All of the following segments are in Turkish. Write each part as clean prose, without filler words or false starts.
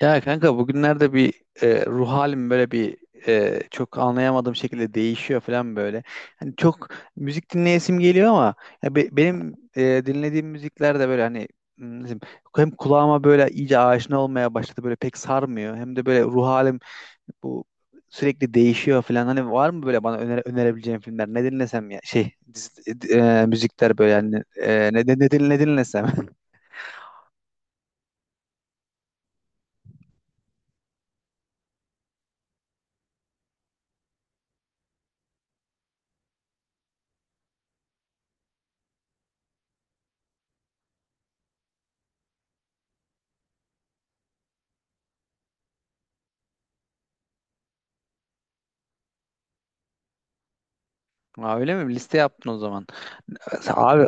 Ya kanka bugünlerde bir ruh halim böyle bir çok anlayamadığım şekilde değişiyor falan böyle. Hani çok müzik dinleyesim geliyor ama ya benim dinlediğim müzikler de böyle hani nasıl diyeyim, hem kulağıma böyle iyice aşina olmaya başladı böyle pek sarmıyor. Hem de böyle ruh halim bu sürekli değişiyor falan. Hani var mı böyle bana önerebileceğin filmler? Ne dinlesem ya şey müzikler böyle yani ne dinlesem? Aa, öyle mi? Liste yaptın o zaman. Abi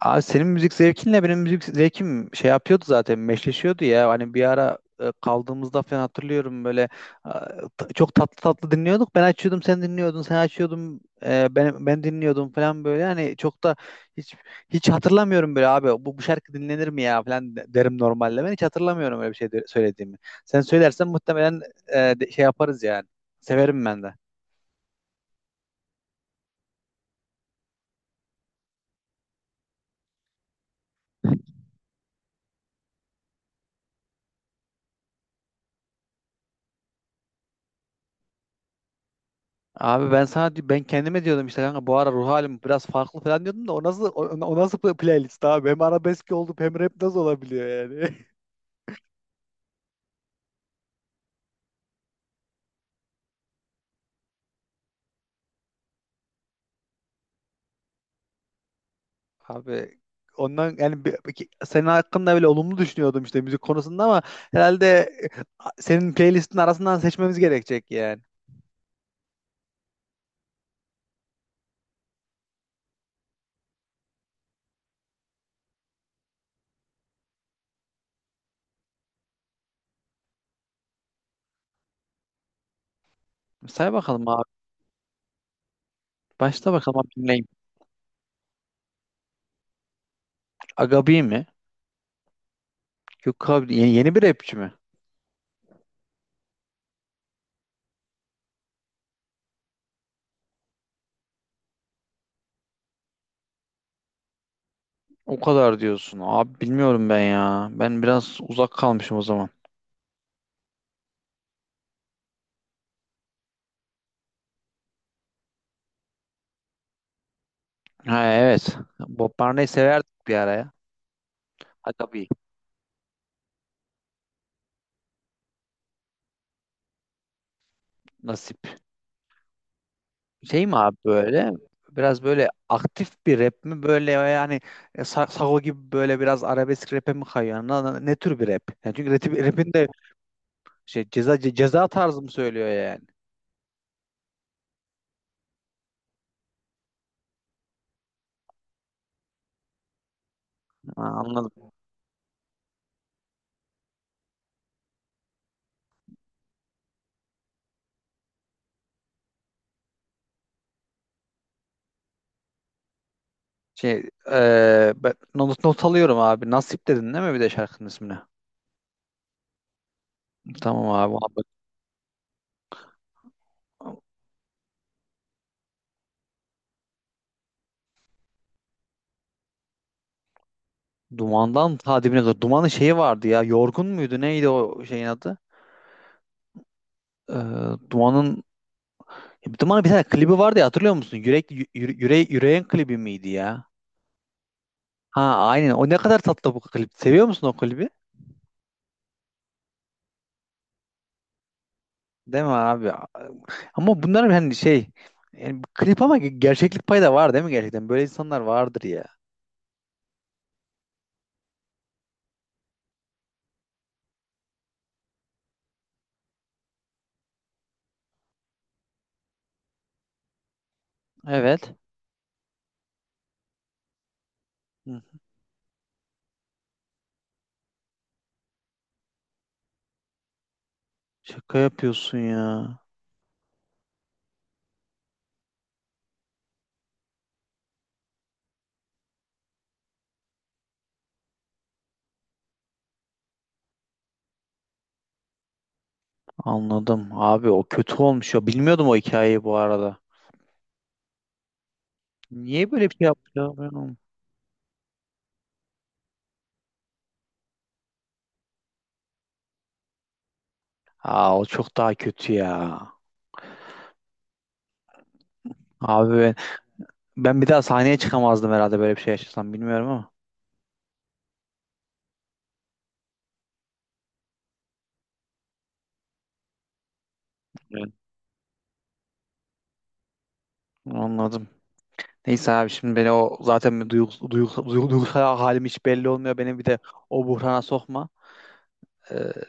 Abi, senin müzik zevkinle benim müzik zevkim şey yapıyordu, zaten meşleşiyordu ya. Hani bir ara kaldığımızda falan hatırlıyorum böyle e, çok tatlı tatlı dinliyorduk. Ben açıyordum, sen dinliyordun, sen açıyordum, ben dinliyordum falan böyle. Hani çok da hiç hiç hatırlamıyorum böyle abi bu, bu şarkı dinlenir mi ya falan derim normalde. Ben hiç hatırlamıyorum öyle bir şey söylediğimi. Sen söylersen muhtemelen şey yaparız yani. Severim ben de. Abi ben sana ben kendime diyordum, işte kanka bu ara ruh halim biraz farklı falan diyordum da o nasıl, o nasıl playlist abi, hem arabesk oldu hem rap nasıl olabiliyor yani? Abi ondan yani senin hakkında bile olumlu düşünüyordum işte müzik konusunda ama herhalde e, senin playlistin arasından seçmemiz gerekecek yani. Say bakalım abi. Başla bakalım abi, dinleyeyim. Agabi mi? Yok abi, yeni bir rapçi mi? O kadar diyorsun. Abi bilmiyorum ben ya. Ben biraz uzak kalmışım o zaman. Ha evet. Bob Marley severdik bir ara ya. Ha tabii. Nasip. Şey mi abi böyle? Biraz böyle aktif bir rap mi? Böyle yani Sago gibi böyle biraz arabesk rap'e mi kayıyor? Ne tür bir rap? Yani çünkü rap'in de şey, ceza tarzı mı söylüyor yani? Ha, anladım. Şey e, ben not, not alıyorum abi. Nasip dedin değil mi bir de şarkının ismini? Tamam abi. Dumandan ta dibine kadar. Dumanın şeyi vardı ya. Yorgun muydu? Neydi o şeyin adı? Ee, Duman'ın Duman'ın bir tane klibi vardı ya, hatırlıyor musun? Yüreğin klibi miydi ya? Ha aynen. O ne kadar tatlı bu klip. Seviyor musun o klibi? Değil mi abi? Ama bunların hani şey, yani klip ama gerçeklik payı da var değil mi gerçekten? Böyle insanlar vardır ya. Evet. Hı. Şaka yapıyorsun ya. Anladım. Abi o kötü olmuş ya. Bilmiyordum o hikayeyi bu arada. Niye böyle bir şey yaptı ya? Aa, o çok daha kötü ya. Abi ben, ben bir daha sahneye çıkamazdım herhalde böyle bir şey yaşasam, bilmiyorum ama. Evet. Anladım. Neyse abi, şimdi beni o zaten bir duygusal halim hiç belli olmuyor. Beni bir de o buhrana sokma. Ee,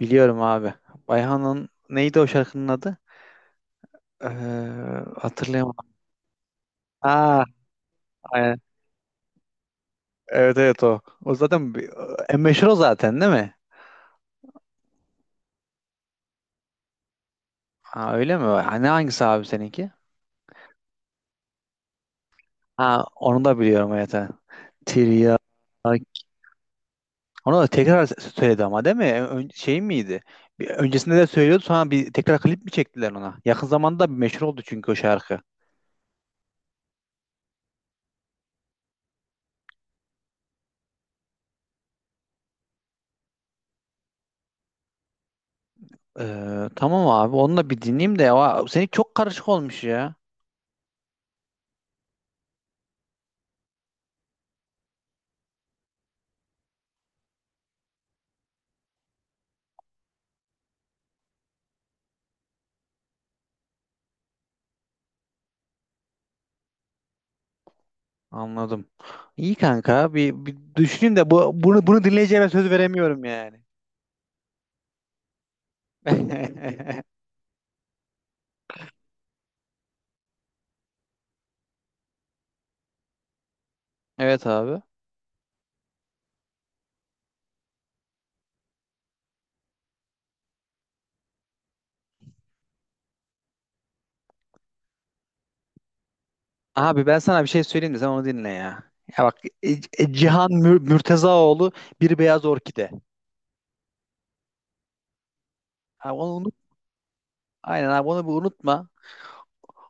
biliyorum abi. Bayhan'ın neydi o şarkının adı? Ee, hatırlayamadım. Aa, aynen. Evet evet, o. O zaten bir, en meşhur o zaten değil mi? Ha, öyle mi? Hani hangisi abi seninki? Ha onu da biliyorum, evet. Evet. Tiryak. Onu da tekrar söyledi ama değil mi? Ön, şey miydi? Bir, öncesinde de söylüyordu, sonra bir tekrar klip mi çektiler ona? Yakın zamanda bir meşhur oldu çünkü o şarkı. Tamam abi, onu da bir dinleyeyim de. Aa, senin çok karışık olmuş ya. Anladım. İyi kanka, bir düşüneyim de bunu dinleyeceğime söz veremiyorum yani. Evet abi. Abi ben sana bir şey söyleyeyim de sen onu dinle ya. Ya bak, e- Cihan Mürtezaoğlu, Bir Beyaz Orkide. Abi onu unut. Aynen abi, onu bir unutma.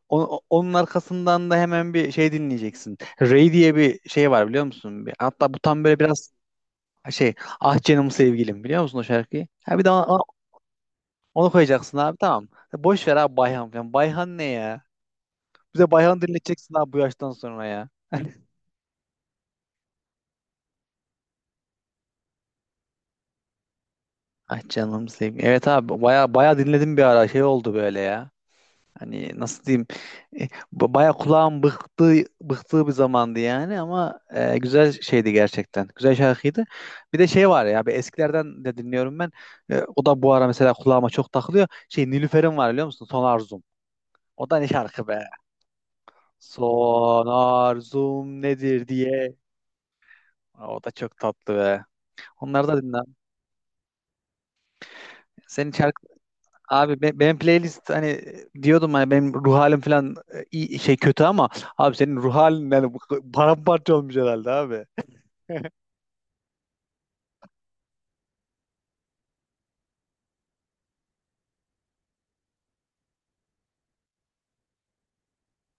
Onun arkasından da hemen bir şey dinleyeceksin. Ray diye bir şey var biliyor musun? Bir, hatta bu tam böyle biraz şey, ah canım sevgilim, biliyor musun o şarkıyı? Ha bir de ona, onu koyacaksın abi, tamam. Boş ver abi, Bayhan falan. Bayhan ne ya? Bize Bayhan dinleteceksin abi, bu yaştan sonra ya. Ah canım sevgilim. Evet abi, baya baya dinledim bir ara, şey oldu böyle ya. Hani nasıl diyeyim, e, baya kulağım bıktığı bir zamandı yani ama güzel şeydi gerçekten. Güzel şarkıydı. Bir de şey var ya, bir eskilerden de dinliyorum ben. E, o da bu ara mesela kulağıma çok takılıyor. Şey, Nilüfer'in var biliyor musun? Son Arzum. O da ne şarkı be? Son arzum. Nedir diye. O da çok tatlı be. Onları da dinle. Senin şarkı. Abi benim playlist, hani diyordum hani benim ruh halim falan iyi şey kötü ama abi senin ruh halin yani, bu paramparça olmuş herhalde abi.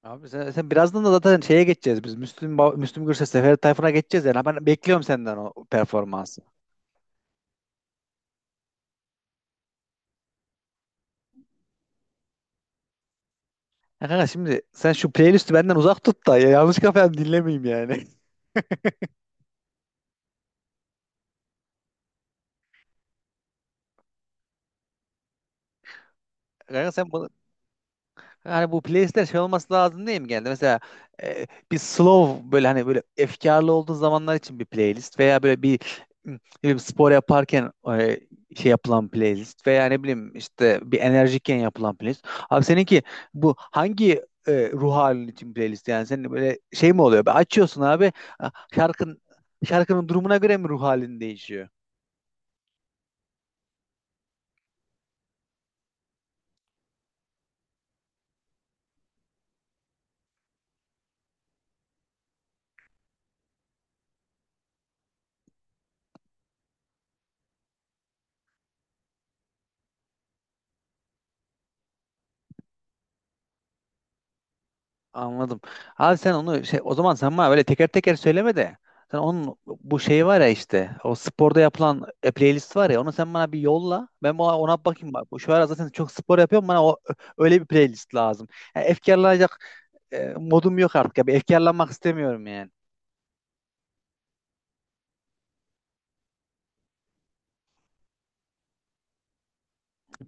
Abi sen birazdan da zaten şeye geçeceğiz biz. Müslüm, Müslüm Gürses, Ferdi Tayfur'a geçeceğiz yani. Ben bekliyorum senden o performansı. Ya kanka şimdi sen şu playlisti benden uzak tut da ya, yanlış kafayı dinlemeyeyim yani. Kanka sen bu. Yani bu playlistler şey olması lazım değil mi genelde? Mesela bir slow, böyle hani böyle efkarlı olduğu zamanlar için bir playlist, veya böyle bir ne bileyim, spor yaparken e, şey yapılan playlist, veya ne bileyim işte bir enerjikken yapılan playlist. Abi seninki bu hangi ruh halin için playlist, yani senin böyle şey mi oluyor? Açıyorsun abi, şarkın şarkının durumuna göre mi ruh halin değişiyor? Anladım. Abi sen onu şey, o zaman sen bana böyle teker teker söyleme de sen onun bu şeyi var ya, işte o sporda yapılan playlist var ya, onu sen bana bir yolla. Ben ona bakayım bak. Şu ara zaten çok spor yapıyorum, bana o öyle bir playlist lazım. Yani efkarlanacak modum yok artık ya. Bir efkarlanmak istemiyorum yani.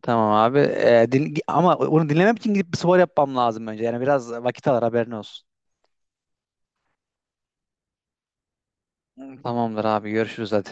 Tamam abi. Ama onu dinlemek için gidip bir spor yapmam lazım önce. Yani biraz vakit alır, haberin olsun. Tamamdır abi, görüşürüz hadi.